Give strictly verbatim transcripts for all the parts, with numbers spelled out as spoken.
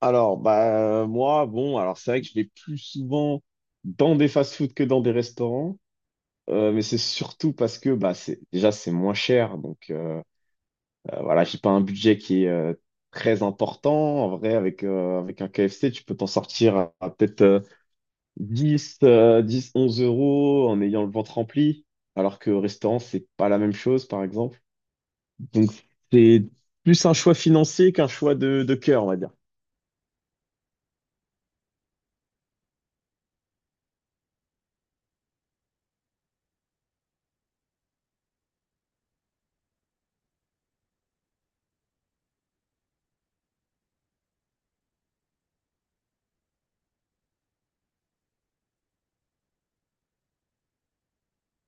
Alors, bah, euh, moi, bon, alors c'est vrai que je vais plus souvent dans des fast-food que dans des restaurants, euh, mais c'est surtout parce que bah, c'est, déjà, c'est moins cher. Donc, euh, euh, voilà, j'ai pas un budget qui est euh, très important. En vrai, avec, euh, avec un K F C, tu peux t'en sortir à, à peut-être euh, dix euh, dix, onze euros en ayant le ventre rempli, alors que au restaurant, c'est pas la même chose, par exemple. Donc, c'est plus un choix financier qu'un choix de, de cœur, on va dire.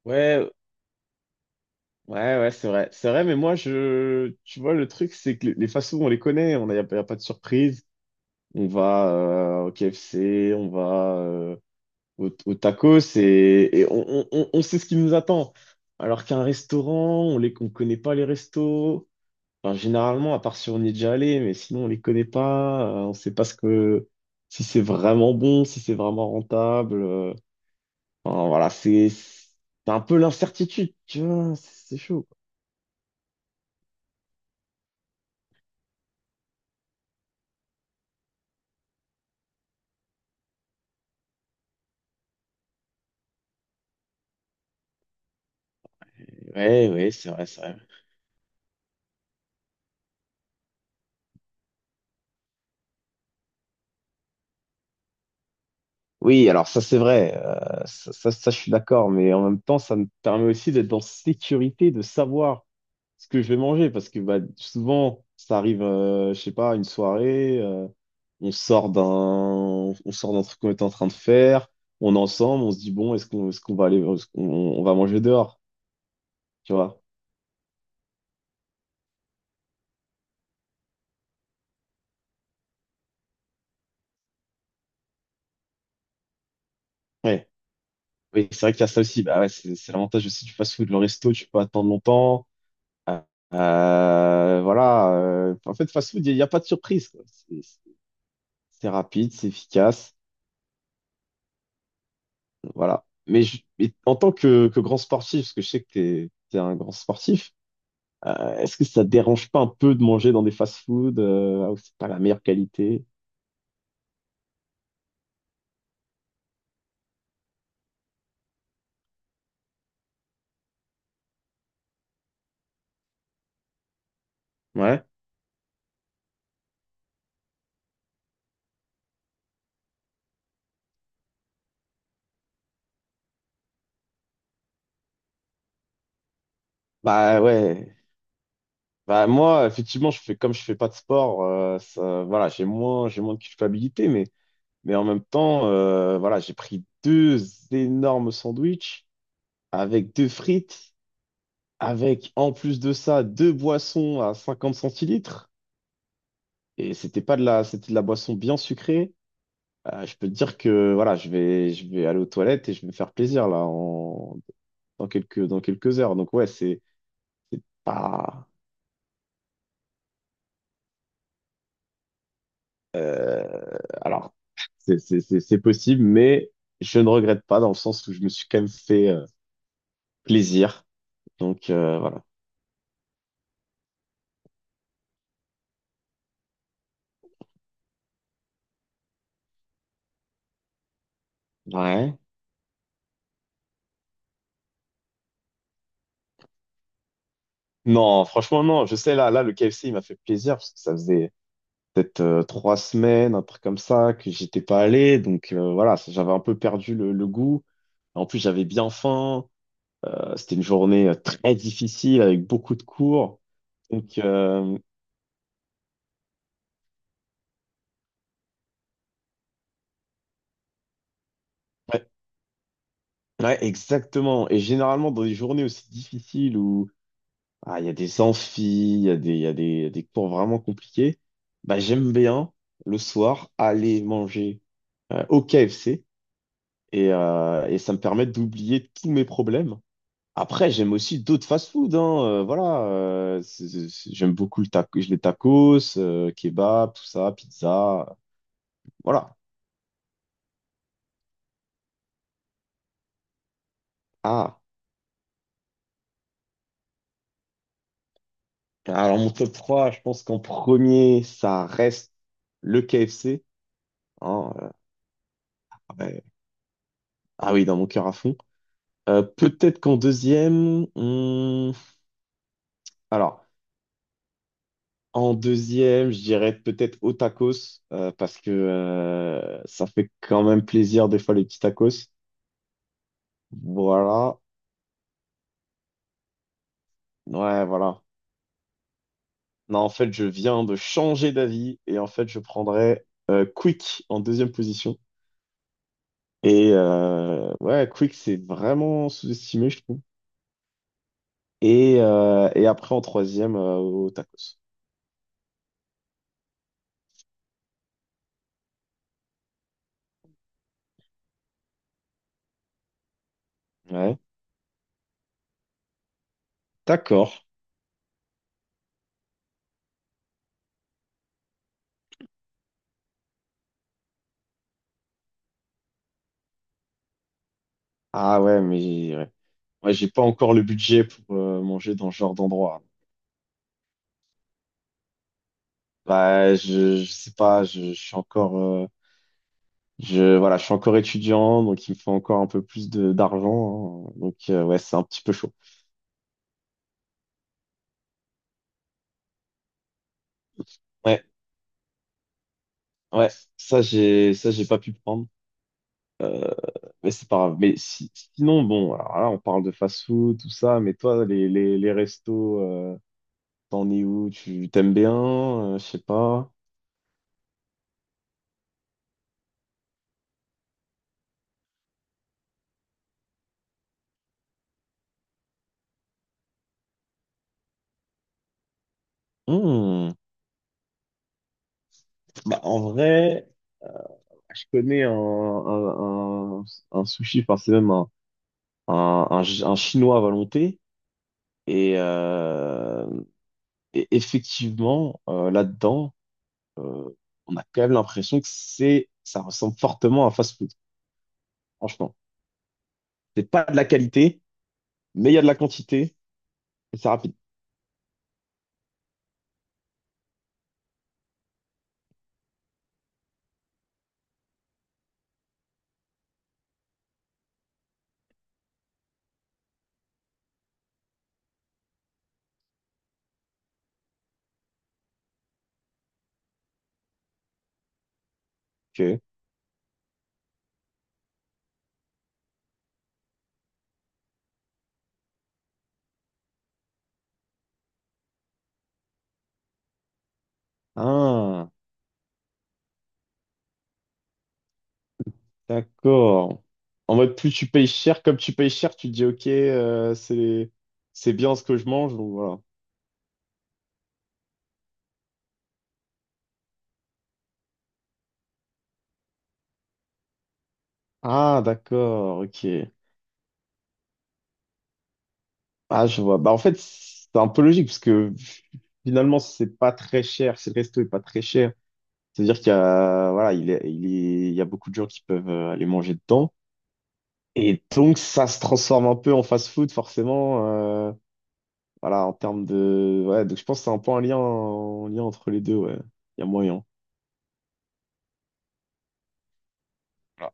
Ouais, ouais, ouais, c'est vrai. C'est vrai, mais moi, je... tu vois, le truc, c'est que les les fast-food, on les connaît, on a, y a, y a pas de surprise. On va euh, au K F C, on va euh, au, au tacos et, et on, on, on on sait ce qui nous attend. Alors qu'un restaurant, on les, on connaît pas les restos. Enfin, généralement, à part si on y est déjà allé, mais sinon, on les connaît pas. Euh, on sait pas ce que, si c'est vraiment bon, si c'est vraiment rentable. euh. Enfin, voilà, c'est, c'est un peu l'incertitude, tu vois, c'est c'est chaud. Ouais, ouais, c'est vrai, c'est vrai. Oui, alors ça c'est vrai, euh, ça, ça, ça, je suis d'accord, mais en même temps ça me permet aussi d'être en sécurité, de savoir ce que je vais manger, parce que bah, souvent ça arrive, euh, je sais pas, une soirée, euh, on sort d'un, on sort d'un truc qu'on était en train de faire, on est ensemble, on se dit bon, est-ce qu'on, est-ce qu'on va aller, est-ce qu'on- on, va manger dehors, tu vois? Ouais, oui, c'est vrai qu'il y a ça aussi, bah ouais, c'est c'est l'avantage aussi du fast-food, le resto, tu peux attendre longtemps. Euh, voilà. Euh, en fait, fast food, il n'y a pas de surprise, quoi. C'est c'est rapide, c'est efficace. Voilà. Mais, je- mais en tant que, que grand sportif, parce que je sais que t'es es, un grand sportif, euh, est-ce que ça te dérange pas un peu de manger dans des fast food euh, là où c'est pas la meilleure qualité? Ouais. Bah ouais. Bah moi, effectivement, je fais comme je fais pas de sport, euh, ça- voilà, j'ai moins, j'ai moins de culpabilité, mais, mais en même temps, euh, voilà, j'ai pris deux énormes sandwichs avec deux frites, avec en plus de ça deux boissons à 50 centilitres. Et c'était pas de la, c'était de la boisson bien sucrée. Euh, je peux te dire que voilà, je vais, je vais aller aux toilettes et je vais me faire plaisir là en, dans quelques, dans quelques heures. Donc ouais, c'est c'est pas. euh, Alors, c'est c'est- c'est- c'est possible, mais je ne regrette pas dans le sens où je me suis quand même fait euh, plaisir. Donc, euh, voilà. Ouais. Non, franchement, non. Je sais, là, là, le K F C, il m'a fait plaisir parce que ça faisait peut-être euh, trois semaines, un truc comme ça, que j'étais pas allé. Donc euh, voilà, ça- j'avais un peu perdu le, le goût. En plus, j'avais bien faim. Euh, c'était une journée euh, très difficile avec beaucoup de cours. Donc, euh, ouais, ouais, exactement. Et généralement, dans des journées aussi difficiles où ah, il y a des amphis, il y a des, il y a des, il y a des cours vraiment compliqués, bah, j'aime bien le soir aller manger euh, au K F C. Et, euh, et ça me permet d'oublier tous mes problèmes. Après, j'aime aussi d'autres fast-food, hein, euh, voilà. euh, c'est- c'est- c'est- j'aime beaucoup le taco, les tacos, euh, kebab, tout ça, pizza, voilà. Ah, alors mon top trois, je pense qu'en premier, ça reste le K F C, hein. Euh, ah ouais. Ah oui, dans mon cœur à fond. Euh, peut-être qu'en deuxième, hmm, alors en deuxième, je dirais peut-être au tacos euh, parce que euh, ça fait quand même plaisir des fois les petits tacos. Voilà. Ouais, voilà. Non, en fait, je viens de changer d'avis et en fait, je prendrais euh, Quick en deuxième position. Et euh, ouais, Quick, c'est vraiment sous-estimé, je trouve. Et, euh, et après, en troisième, euh, au tacos. Ouais, d'accord. Ah ouais, mais ouais. Moi, j'ai pas encore le budget pour euh, manger dans ce genre d'endroit. Bah, je, je sais pas, je, je suis encore, euh, je, voilà, je suis encore étudiant, donc il me faut encore un peu plus de d'argent. Hein. Donc, euh, ouais, c'est un petit peu chaud. Ouais, ouais, ça j'ai ça j'ai pas pu prendre, mais c'est pas grave. Mais si, sinon bon, alors là on parle de fast-food tout ça, mais toi les les, les restos, euh, t'en es où? Tu t'aimes bien? Euh, je sais pas. Hmm. Bah en vrai, je connais un un, un, un sushi, enfin c'est même un un, un ch- un chinois à volonté et, euh, et effectivement euh, là-dedans, euh, on a quand même l'impression que c'est ça ressemble fortement à un fast-food, franchement. C'est pas de la qualité, mais il y a de la quantité et c'est rapide. Ok. Ah, d'accord. En mode, plus tu payes cher, comme tu payes cher, tu te dis, ok, euh, c'est c'est bien ce que je mange, donc voilà. Ah, d'accord, ok. Ah, je vois. Bah, en fait, c'est un peu logique, parce que finalement, si c'est pas très cher, si le resto est pas très cher, c'est-à-dire qu'il y a, voilà, il est, il est- il y a beaucoup de gens qui peuvent euh, aller manger dedans. Et donc, ça se transforme un peu en fast-food, forcément. euh, Voilà, en termes de. Ouais, donc je pense que c'est un peu un lien, un lien entre les deux, ouais. Il y a moyen. Voilà.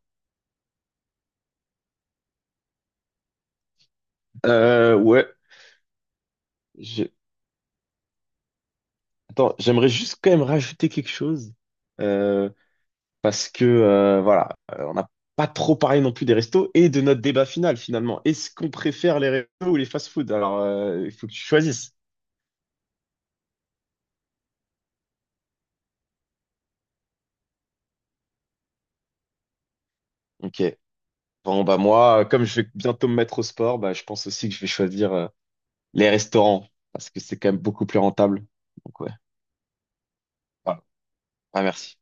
Euh, ouais. Je- Attends, j'aimerais juste quand même rajouter quelque chose. euh, Parce que, euh, voilà, euh, on n'a pas trop parlé non plus des restos et de notre débat final, finalement. Est-ce qu'on préfère les restos ou les fast-food? Alors, euh, il faut que tu choisisses. Ok. Bon, bah, moi, comme je vais bientôt me mettre au sport, bah, je pense aussi que je vais choisir, euh, les restaurants. Parce que c'est quand même beaucoup plus rentable. Donc, ouais. Voilà. Ah, merci.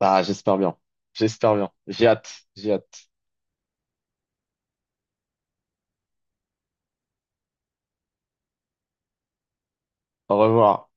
Bah, j'espère bien. J'espère bien. J'ai hâte. J'ai hâte. Au revoir.